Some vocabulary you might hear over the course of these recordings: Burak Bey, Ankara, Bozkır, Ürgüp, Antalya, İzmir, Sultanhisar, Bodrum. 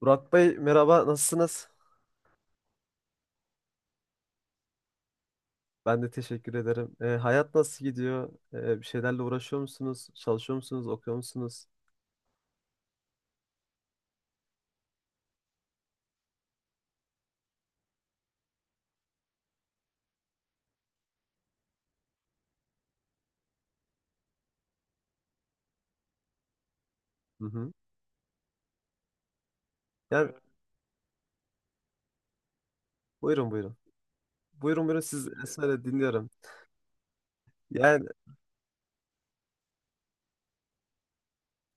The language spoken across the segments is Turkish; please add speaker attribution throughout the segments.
Speaker 1: Burak Bey merhaba nasılsınız? Ben de teşekkür ederim. Hayat nasıl gidiyor? Bir şeylerle uğraşıyor musunuz? Çalışıyor musunuz? Okuyor musunuz? Hı hı. Yani. Buyurun buyurun. Buyurun buyurun, siz söyle dinliyorum. Yani.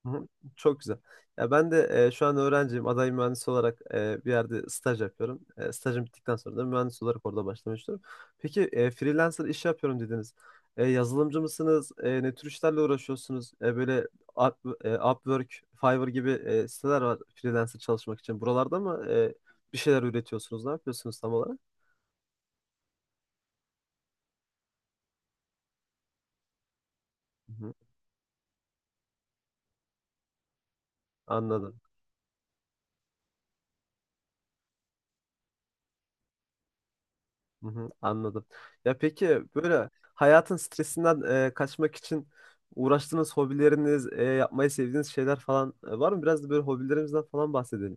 Speaker 1: Hı hı. Çok güzel. Ya ben de şu an öğrenciyim. Aday mühendis olarak bir yerde staj yapıyorum. Stajım bittikten sonra da mühendis olarak orada başlamak istiyorum. Peki freelancer iş yapıyorum dediniz. Yazılımcı mısınız? Ne tür işlerle uğraşıyorsunuz? Böyle Upwork, Fiverr gibi siteler var freelancer çalışmak için. Buralarda mı bir şeyler üretiyorsunuz? Ne yapıyorsunuz tam olarak? Hı hı. Anladım. Hı hı, anladım. Ya peki böyle hayatın stresinden kaçmak için uğraştığınız hobileriniz, yapmayı sevdiğiniz şeyler falan var mı? Biraz da böyle hobilerimizden falan bahsedelim.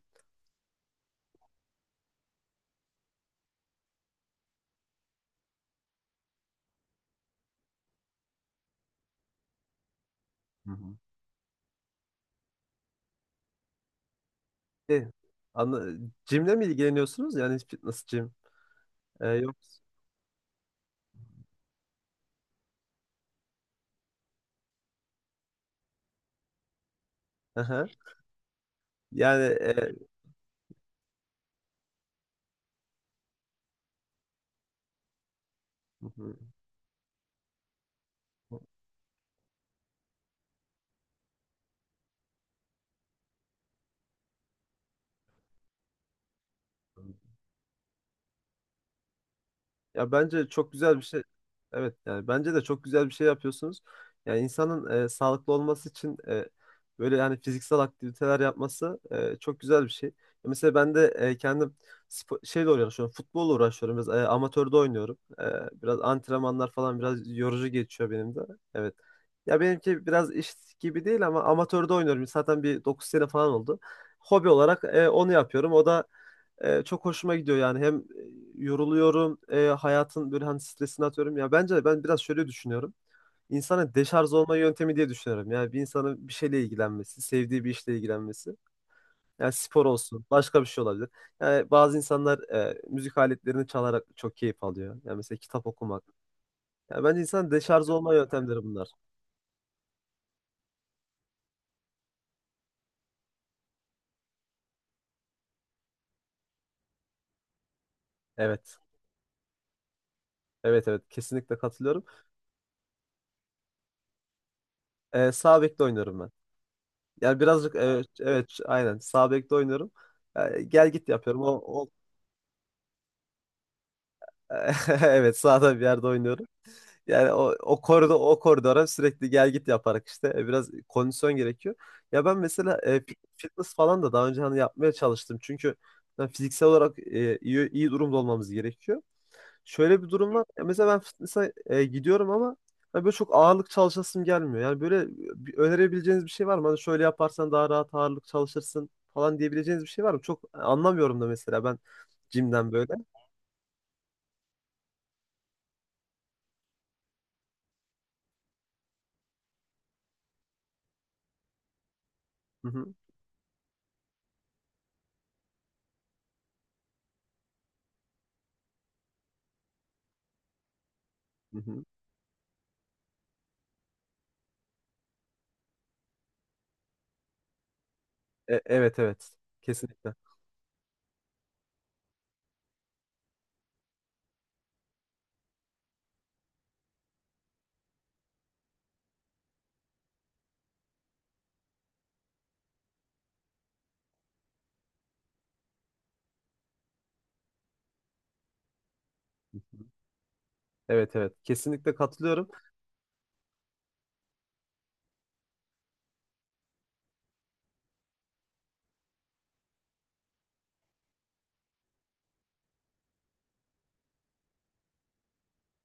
Speaker 1: Hı hı. E, anla, jimle mi ilgileniyorsunuz? Yani fitness, jim. Yok. Hı hı. Yani, hı hı. Ya bence çok güzel bir şey. Evet, yani bence de çok güzel bir şey yapıyorsunuz. Yani insanın sağlıklı olması için böyle yani fiziksel aktiviteler yapması çok güzel bir şey. Mesela ben de kendim şeyle uğraşıyorum. Futbolla uğraşıyorum. Biraz amatörde oynuyorum. Biraz antrenmanlar falan biraz yorucu geçiyor benim de. Evet. Ya benimki biraz iş gibi değil ama amatörde oynuyorum. Zaten bir 9 sene falan oldu. Hobi olarak onu yapıyorum. O da çok hoşuma gidiyor yani. Hem yoruluyorum, hayatın böyle hani stresini atıyorum. Ya bence de ben biraz şöyle düşünüyorum. İnsana deşarj olma yöntemi diye düşünüyorum. Yani bir insanın bir şeyle ilgilenmesi, sevdiği bir işle ilgilenmesi. Yani spor olsun, başka bir şey olabilir. Yani bazı insanlar müzik aletlerini çalarak çok keyif alıyor. Yani mesela kitap okumak. Yani bence insanın deşarj olma yöntemleri bunlar. Evet. Evet evet, kesinlikle katılıyorum. Sağ bekte oynuyorum ben. Yani birazcık evet, evet aynen sağ bekte oynuyorum. Yani gel git yapıyorum. O, o Evet, sağda bir yerde oynuyorum. Yani o koridor o koridora sürekli gel git yaparak işte biraz kondisyon gerekiyor. Ya ben mesela fitness falan da daha önce hani yapmaya çalıştım. Çünkü ben fiziksel olarak iyi iyi durumda olmamız gerekiyor. Şöyle bir durum var. Ya mesela ben fitness'a gidiyorum ama hani böyle çok ağırlık çalışasım gelmiyor. Yani böyle önerebileceğiniz bir şey var mı? Hani şöyle yaparsan daha rahat ağırlık çalışırsın falan diyebileceğiniz bir şey var mı? Çok anlamıyorum da mesela ben jimden böyle. Hı hı. Hı hı. Evet evet. Kesinlikle. Evet evet. Kesinlikle katılıyorum.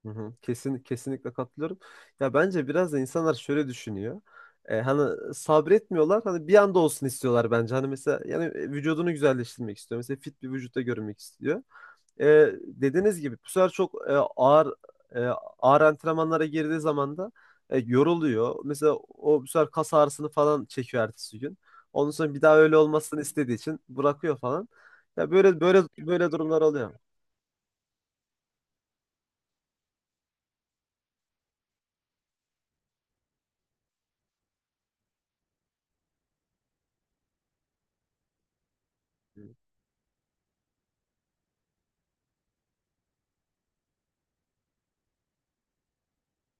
Speaker 1: Hı hı. Kesin, kesinlikle katılıyorum. Ya bence biraz da insanlar şöyle düşünüyor. Hani sabretmiyorlar. Hani bir anda olsun istiyorlar bence. Hani mesela yani vücudunu güzelleştirmek istiyor. Mesela fit bir vücutta görünmek istiyor. Dediğiniz gibi bu sefer çok e, ağır antrenmanlara girdiği zaman da yoruluyor. Mesela o bu sefer kas ağrısını falan çekiyor ertesi gün. Ondan sonra bir daha öyle olmasını istediği için bırakıyor falan. Ya böyle böyle böyle durumlar oluyor.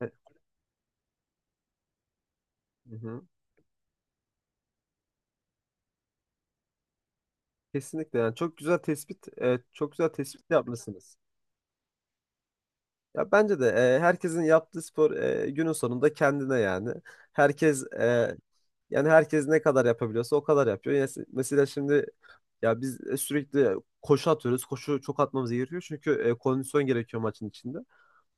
Speaker 1: E, hı hı. Kesinlikle yani çok güzel tespit, çok güzel tespit yapmışsınız. Ya bence de herkesin yaptığı spor günün sonunda kendine yani. Herkes yani herkes ne kadar yapabiliyorsa o kadar yapıyor. Yani mesela şimdi ya biz sürekli koşu atıyoruz. Koşu çok atmamız gerekiyor çünkü kondisyon gerekiyor maçın içinde.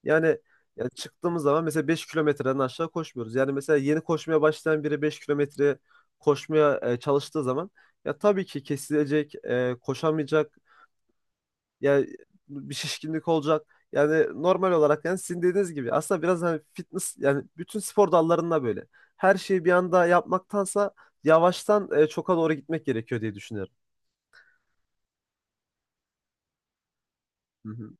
Speaker 1: Yani ya çıktığımız zaman mesela 5 kilometreden aşağı koşmuyoruz. Yani mesela yeni koşmaya başlayan biri 5 kilometre koşmaya çalıştığı zaman ya tabii ki kesilecek, koşamayacak yani bir şişkinlik olacak. Yani normal olarak yani sizin dediğiniz gibi aslında biraz hani fitness yani bütün spor dallarında böyle. Her şeyi bir anda yapmaktansa yavaştan çoka doğru gitmek gerekiyor diye düşünüyorum. Hı hı.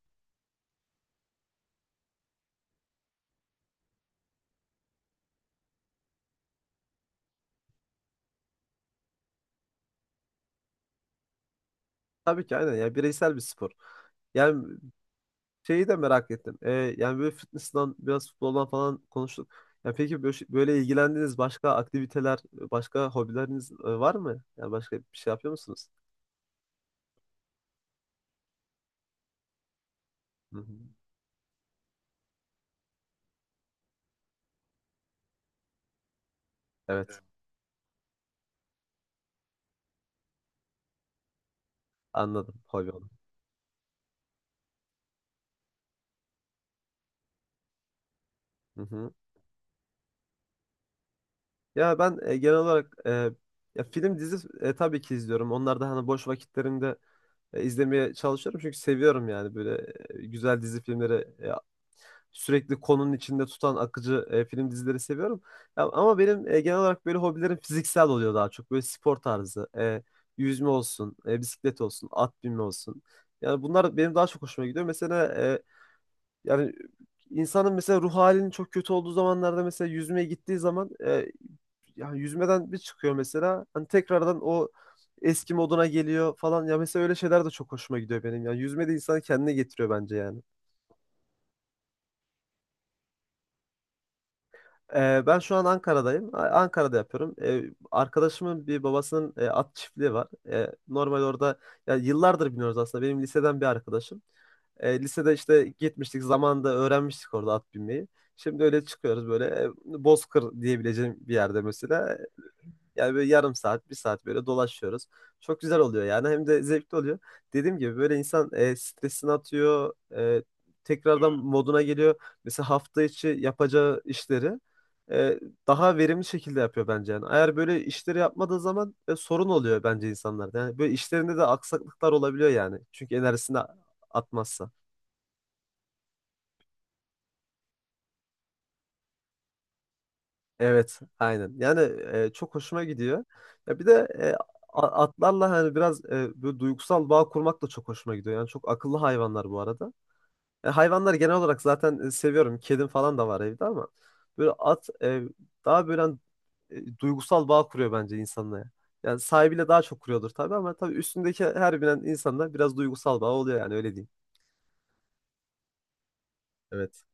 Speaker 1: Tabii ki aynen, ya bireysel bir spor. Yani şeyi de merak ettim. Yani böyle fitness'dan biraz futboldan falan konuştuk. Ya peki böyle ilgilendiğiniz başka aktiviteler, başka hobileriniz var mı? Yani başka bir şey yapıyor musunuz? Hı hı. Evet, anladım, hobi olarak. Hı hı. Ya ben genel olarak ya film dizi tabii ki izliyorum. Onlar da hani boş vakitlerimde izlemeye çalışıyorum. Çünkü seviyorum yani böyle güzel dizi filmleri e, sürekli konunun içinde tutan akıcı film dizileri seviyorum. Ya, ama benim genel olarak böyle hobilerim fiziksel oluyor daha çok. Böyle spor tarzı. Yüzme olsun, bisiklet olsun, at binme olsun. Yani bunlar benim daha çok hoşuma gidiyor. Mesela yani insanın mesela ruh halinin çok kötü olduğu zamanlarda mesela yüzmeye gittiği zaman yani yüzmeden bir çıkıyor mesela. Hani tekrardan o eski moduna geliyor falan. Ya mesela öyle şeyler de çok hoşuma gidiyor benim. Yani yüzme de insanı kendine getiriyor bence yani. Ben şu an Ankara'dayım. Ankara'da yapıyorum. Arkadaşımın bir babasının at çiftliği var. Normal orada ya yıllardır biniyoruz aslında. Benim liseden bir arkadaşım. Lisede işte gitmiştik zamanında, öğrenmiştik orada at binmeyi. Şimdi öyle çıkıyoruz böyle Bozkır diyebileceğim bir yerde mesela. Yani böyle yarım saat, bir saat böyle dolaşıyoruz. Çok güzel oluyor yani, hem de zevkli oluyor. Dediğim gibi böyle insan stresini atıyor, tekrardan moduna geliyor. Mesela hafta içi yapacağı işleri e, daha verimli şekilde yapıyor bence yani. Eğer böyle işleri yapmadığı zaman sorun oluyor bence insanlarda. Yani böyle işlerinde de aksaklıklar olabiliyor yani. Çünkü enerjisini atmazsa. Evet, aynen. Yani çok hoşuma gidiyor. Ya bir de atlarla hani biraz böyle duygusal bağ kurmak da çok hoşuma gidiyor. Yani çok akıllı hayvanlar bu arada. Hayvanlar genel olarak zaten seviyorum. Kedim falan da var evde ama böyle at daha böyle hani, duygusal bağ kuruyor bence insanla, ya. Yani sahibiyle daha çok kuruyordur tabii, ama tabii üstündeki her binen insanla biraz duygusal bağ oluyor yani, öyle diyeyim. Evet.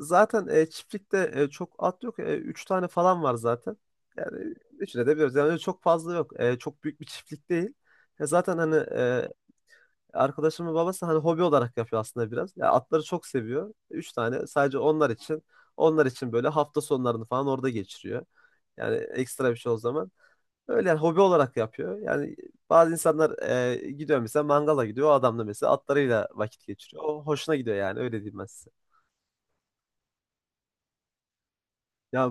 Speaker 1: Zaten çiftlikte çok at yok. Üç tane falan var zaten. Yani üçüne de biliyoruz. Yani öyle çok fazla yok. Çok büyük bir çiftlik değil. Zaten hani arkadaşımın babası hani hobi olarak yapıyor aslında biraz. Ya, atları çok seviyor. Üç tane sadece onlar için. Onlar için böyle hafta sonlarını falan orada geçiriyor. Yani ekstra bir şey o zaman. Öyle yani, hobi olarak yapıyor. Yani bazı insanlar gidiyor mesela, mangala gidiyor. O adam da mesela atlarıyla vakit geçiriyor. O hoşuna gidiyor, yani öyle diyeyim ben size. Ya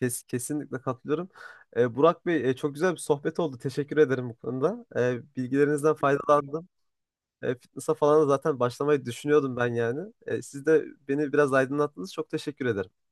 Speaker 1: kesinlikle katılıyorum. Burak Bey, çok güzel bir sohbet oldu. Teşekkür ederim bu konuda. Bilgilerinizden faydalandım. Fitness'a falan da zaten başlamayı düşünüyordum ben yani. Siz de beni biraz aydınlattınız. Çok teşekkür ederim.